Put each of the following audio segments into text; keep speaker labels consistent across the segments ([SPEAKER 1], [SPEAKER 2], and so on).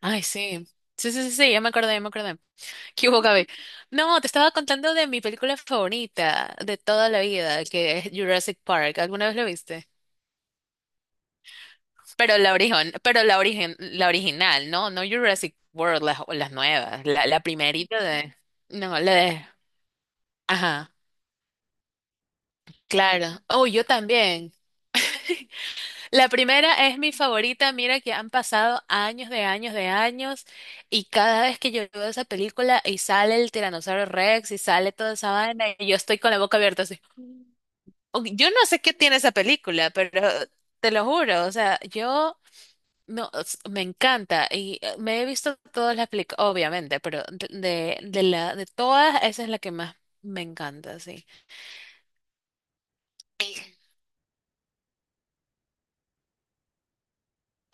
[SPEAKER 1] Ay, sí. Sí, sí, sí, sí, ya me acordé, ya me acordé. ¿Qué hubo, Gaby? No, te estaba contando de mi película favorita de toda la vida, que es Jurassic Park. ¿Alguna vez lo viste? Pero la origen, la original, ¿no? No Jurassic World, las nuevas. La primerita de. No, la de. Ajá, claro. Oh, yo también. La primera es mi favorita, mira que han pasado años de años de años, y cada vez que yo veo esa película y sale el Tiranosaurio Rex y sale toda esa vaina y yo estoy con la boca abierta así. Yo no sé qué tiene esa película, pero te lo juro, o sea, yo no s- me encanta y me he visto todas las películas, obviamente, pero de la de todas esa es la que más me encanta, sí.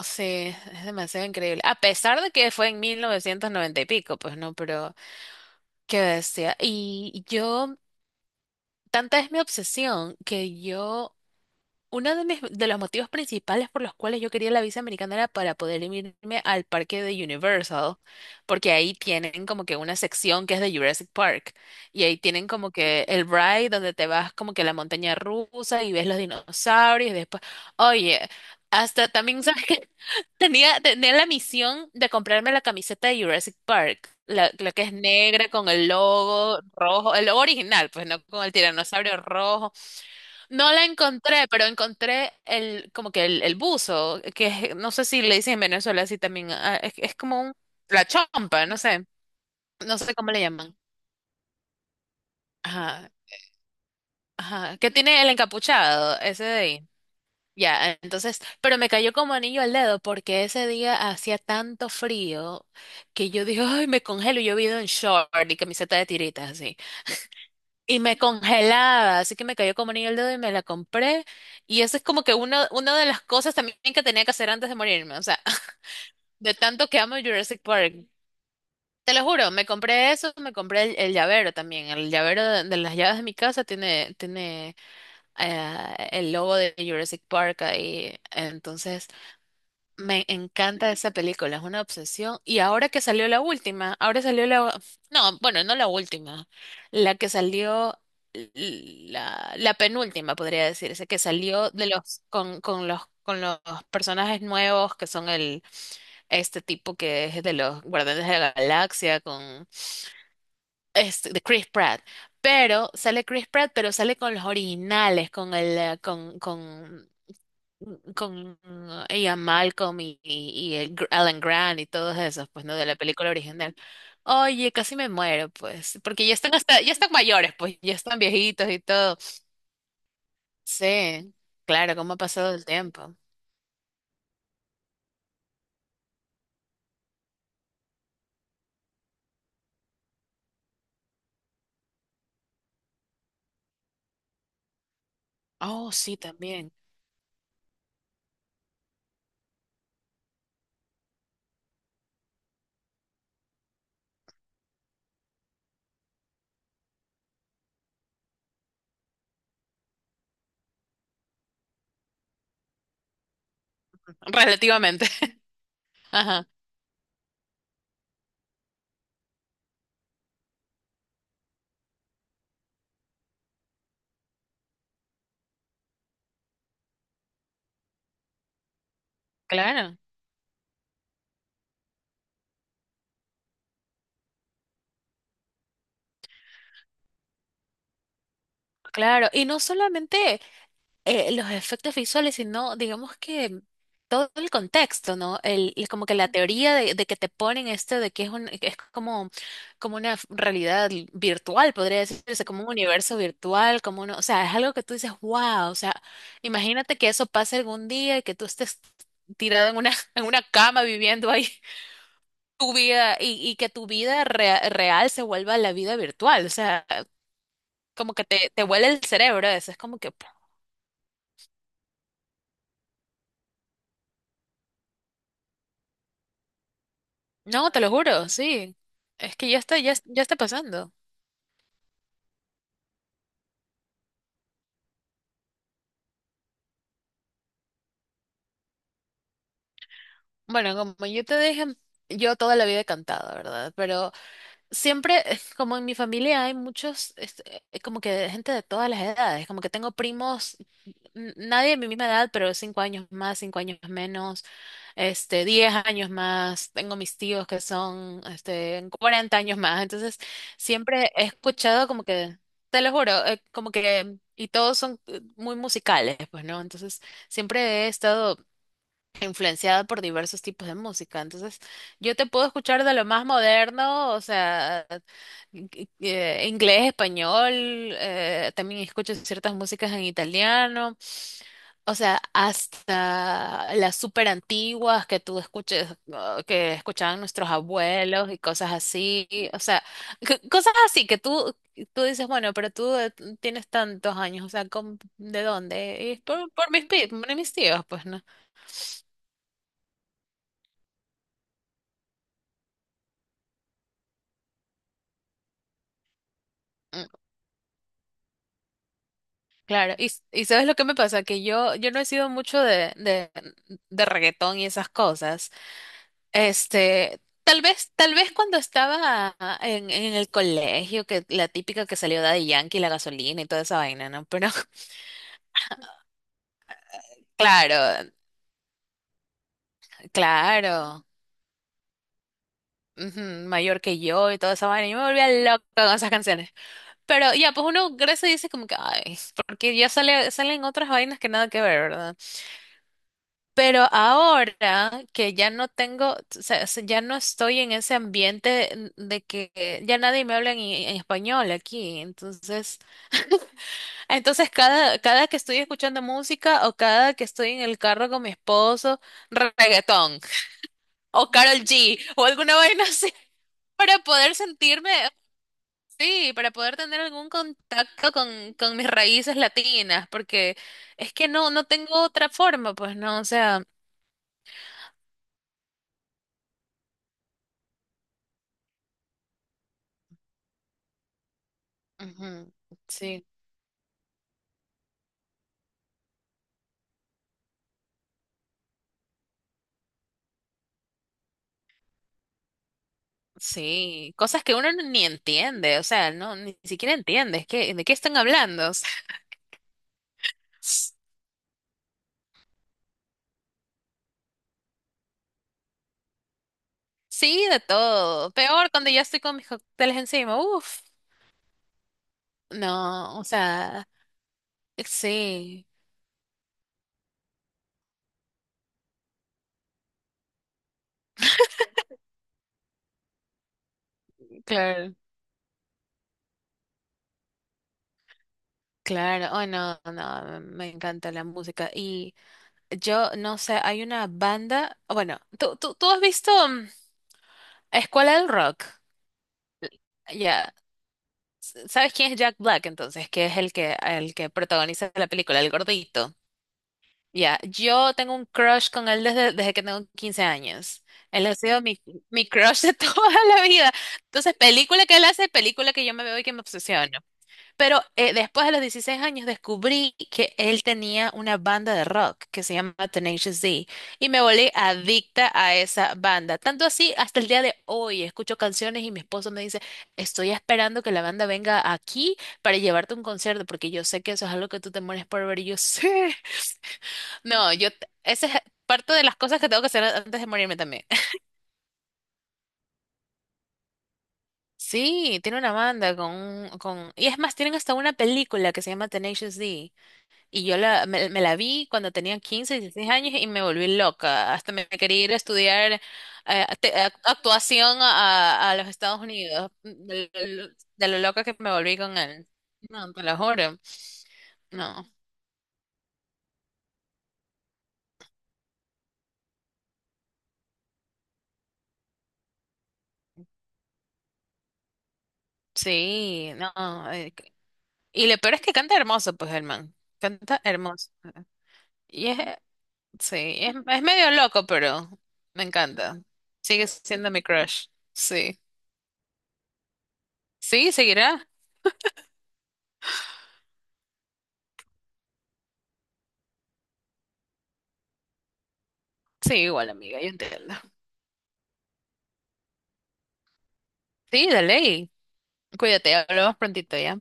[SPEAKER 1] Sí, es demasiado increíble. A pesar de que fue en 1990 y pico, pues no, pero qué bestia. Y yo, tanta es mi obsesión que yo uno de mis, de los motivos principales por los cuales yo quería la visa americana era para poder irme al parque de Universal, porque ahí tienen como que una sección que es de Jurassic Park, y ahí tienen como que el ride donde te vas como que a la montaña rusa y ves los dinosaurios, y después, oye, hasta también, ¿sabes qué? Tenía, tenía la misión de comprarme la camiseta de Jurassic Park, la que es negra con el logo rojo, el logo original, pues no con el tiranosaurio rojo. No la encontré, pero encontré el, como que el buzo, no sé si le dicen en Venezuela así también, ah, es como un, la chompa, no sé, no sé cómo le llaman. Ajá, ajá, que tiene el encapuchado, ese de ahí. Ya, entonces, pero me cayó como anillo al dedo porque ese día hacía tanto frío que yo dije, ay, me congelo, y yo vivo en short y camiseta de tiritas así. Y me congelaba, así que me cayó como anillo el dedo y me la compré. Y eso es como que una de las cosas también que tenía que hacer antes de morirme. O sea, de tanto que amo Jurassic Park. Te lo juro, me compré eso, me compré el llavero también. El llavero de las llaves de mi casa tiene, tiene el logo de Jurassic Park ahí. Entonces, me encanta esa película, es una obsesión. Y ahora que salió la última, ahora salió la... No, bueno, no la última, la que salió, l- la, la penúltima, podría decirse, que salió de los, con los personajes nuevos, que son el, este tipo que es de los Guardianes de la Galaxia, con este, de Chris Pratt. Pero sale Chris Pratt, pero sale con los originales, con el, con ella Malcolm y Alan Grant y todos esos, pues no, de la película original. Oye, casi me muero, pues, porque ya están hasta, ya están mayores, pues, ya están viejitos y todo. Sí, claro, cómo ha pasado el tiempo. Oh, sí, también. Relativamente. Ajá, claro, claro. Y no solamente los efectos visuales, sino digamos que todo el contexto, ¿no? Como que la teoría de que te ponen esto de que es un, es como, como una realidad virtual, podría decirse, como un universo virtual, como uno, o sea, es algo que tú dices, wow, o sea, imagínate que eso pase algún día y que tú estés tirado en una, en una cama viviendo ahí tu vida y que tu vida real se vuelva la vida virtual, o sea, como que te vuela el cerebro, eso es como que no, te lo juro, sí. Es que ya está, ya, ya está pasando. Bueno, como yo te dije, yo toda la vida he cantado, ¿verdad? Pero siempre, como en mi familia hay muchos, este, como que de gente de todas las edades, como que tengo primos nadie de mi misma edad, pero 5 años más, 5 años menos, este, 10 años más. Tengo mis tíos que son, este, 40 años más. Entonces, siempre he escuchado como que, te lo juro, como que, y todos son muy musicales, pues, ¿no? Entonces, siempre he estado influenciada por diversos tipos de música. Entonces, yo te puedo escuchar de lo más moderno, o sea, inglés, español, también escucho ciertas músicas en italiano. O sea, hasta las súper antiguas que tú escuches, que escuchaban nuestros abuelos y cosas así, o sea, cosas así que tú dices, bueno, pero tú tienes tantos años, o sea, ¿cómo- ¿de dónde? Y es por mis, por mis tíos, pues, ¿no? Mm, claro, y, y ¿sabes lo que me pasa? Que yo no he sido mucho de reggaetón y esas cosas. Este, tal vez cuando estaba en el colegio, que la típica que salió de Yankee, la gasolina y toda esa vaina, ¿no? Pero claro, claro, ujú, mayor que yo y toda esa vaina, yo me volvía loca con esas canciones. Pero ya, pues uno crece y dice como que, ay, porque ya sale, salen otras vainas que nada que ver, ¿verdad? Pero ahora que ya no tengo, o sea, ya no estoy en ese ambiente de que ya nadie me habla en español aquí, entonces... Entonces, cada, cada que estoy escuchando música o cada que estoy en el carro con mi esposo, reggaetón o Carol G o alguna vaina así, para poder sentirme, sí, para poder tener algún contacto con mis raíces latinas, porque es que no, no tengo otra forma, pues no, o sea, ujú, sí. Sí, cosas que uno ni entiende, o sea, no, ni siquiera entiende, es que, ¿de qué están hablando? O sea, sí, de todo. Peor cuando ya estoy con mis cócteles encima. Uf. No, o sea, sí, claro, claro. Oh, no, no, me encanta la música. Y yo, no sé, hay una banda. Bueno, tú has visto Escuela del Rock. Ya. ¿Sabes quién es Jack Black entonces? Que es el que protagoniza la película, el gordito. Ya, yo tengo un crush con él desde, desde que tengo 15 años. Él ha sido mi, mi crush de toda la vida. Entonces, película que él hace, película que yo me veo y que me obsesiono. Pero después de los 16 años descubrí que él tenía una banda de rock que se llama Tenacious D y me volví adicta a esa banda. Tanto así, hasta el día de hoy escucho canciones y mi esposo me dice, estoy esperando que la banda venga aquí para llevarte a un concierto porque yo sé que eso es algo que tú te mueres por ver y yo sí. No, yo, esa es parte de las cosas que tengo que hacer antes de morirme también. Sí, tiene una banda con, con... Y es más, tienen hasta una película que se llama Tenacious D. Y yo la, me la vi cuando tenía 15 16 años y me volví loca. Hasta me quería ir a estudiar actuación a los Estados Unidos. De lo loca que me volví con él. No, te lo juro. No, sí, no. eh, c- Y lo peor es que canta hermoso, pues, el man. Canta hermoso. Y es, sí, es medio loco, pero me encanta. Sigue siendo mi crush. Sí. Sí, seguirá. Sí, igual, amiga, yo entiendo. Sí, dale. Y cuídate, hablamos prontito ya.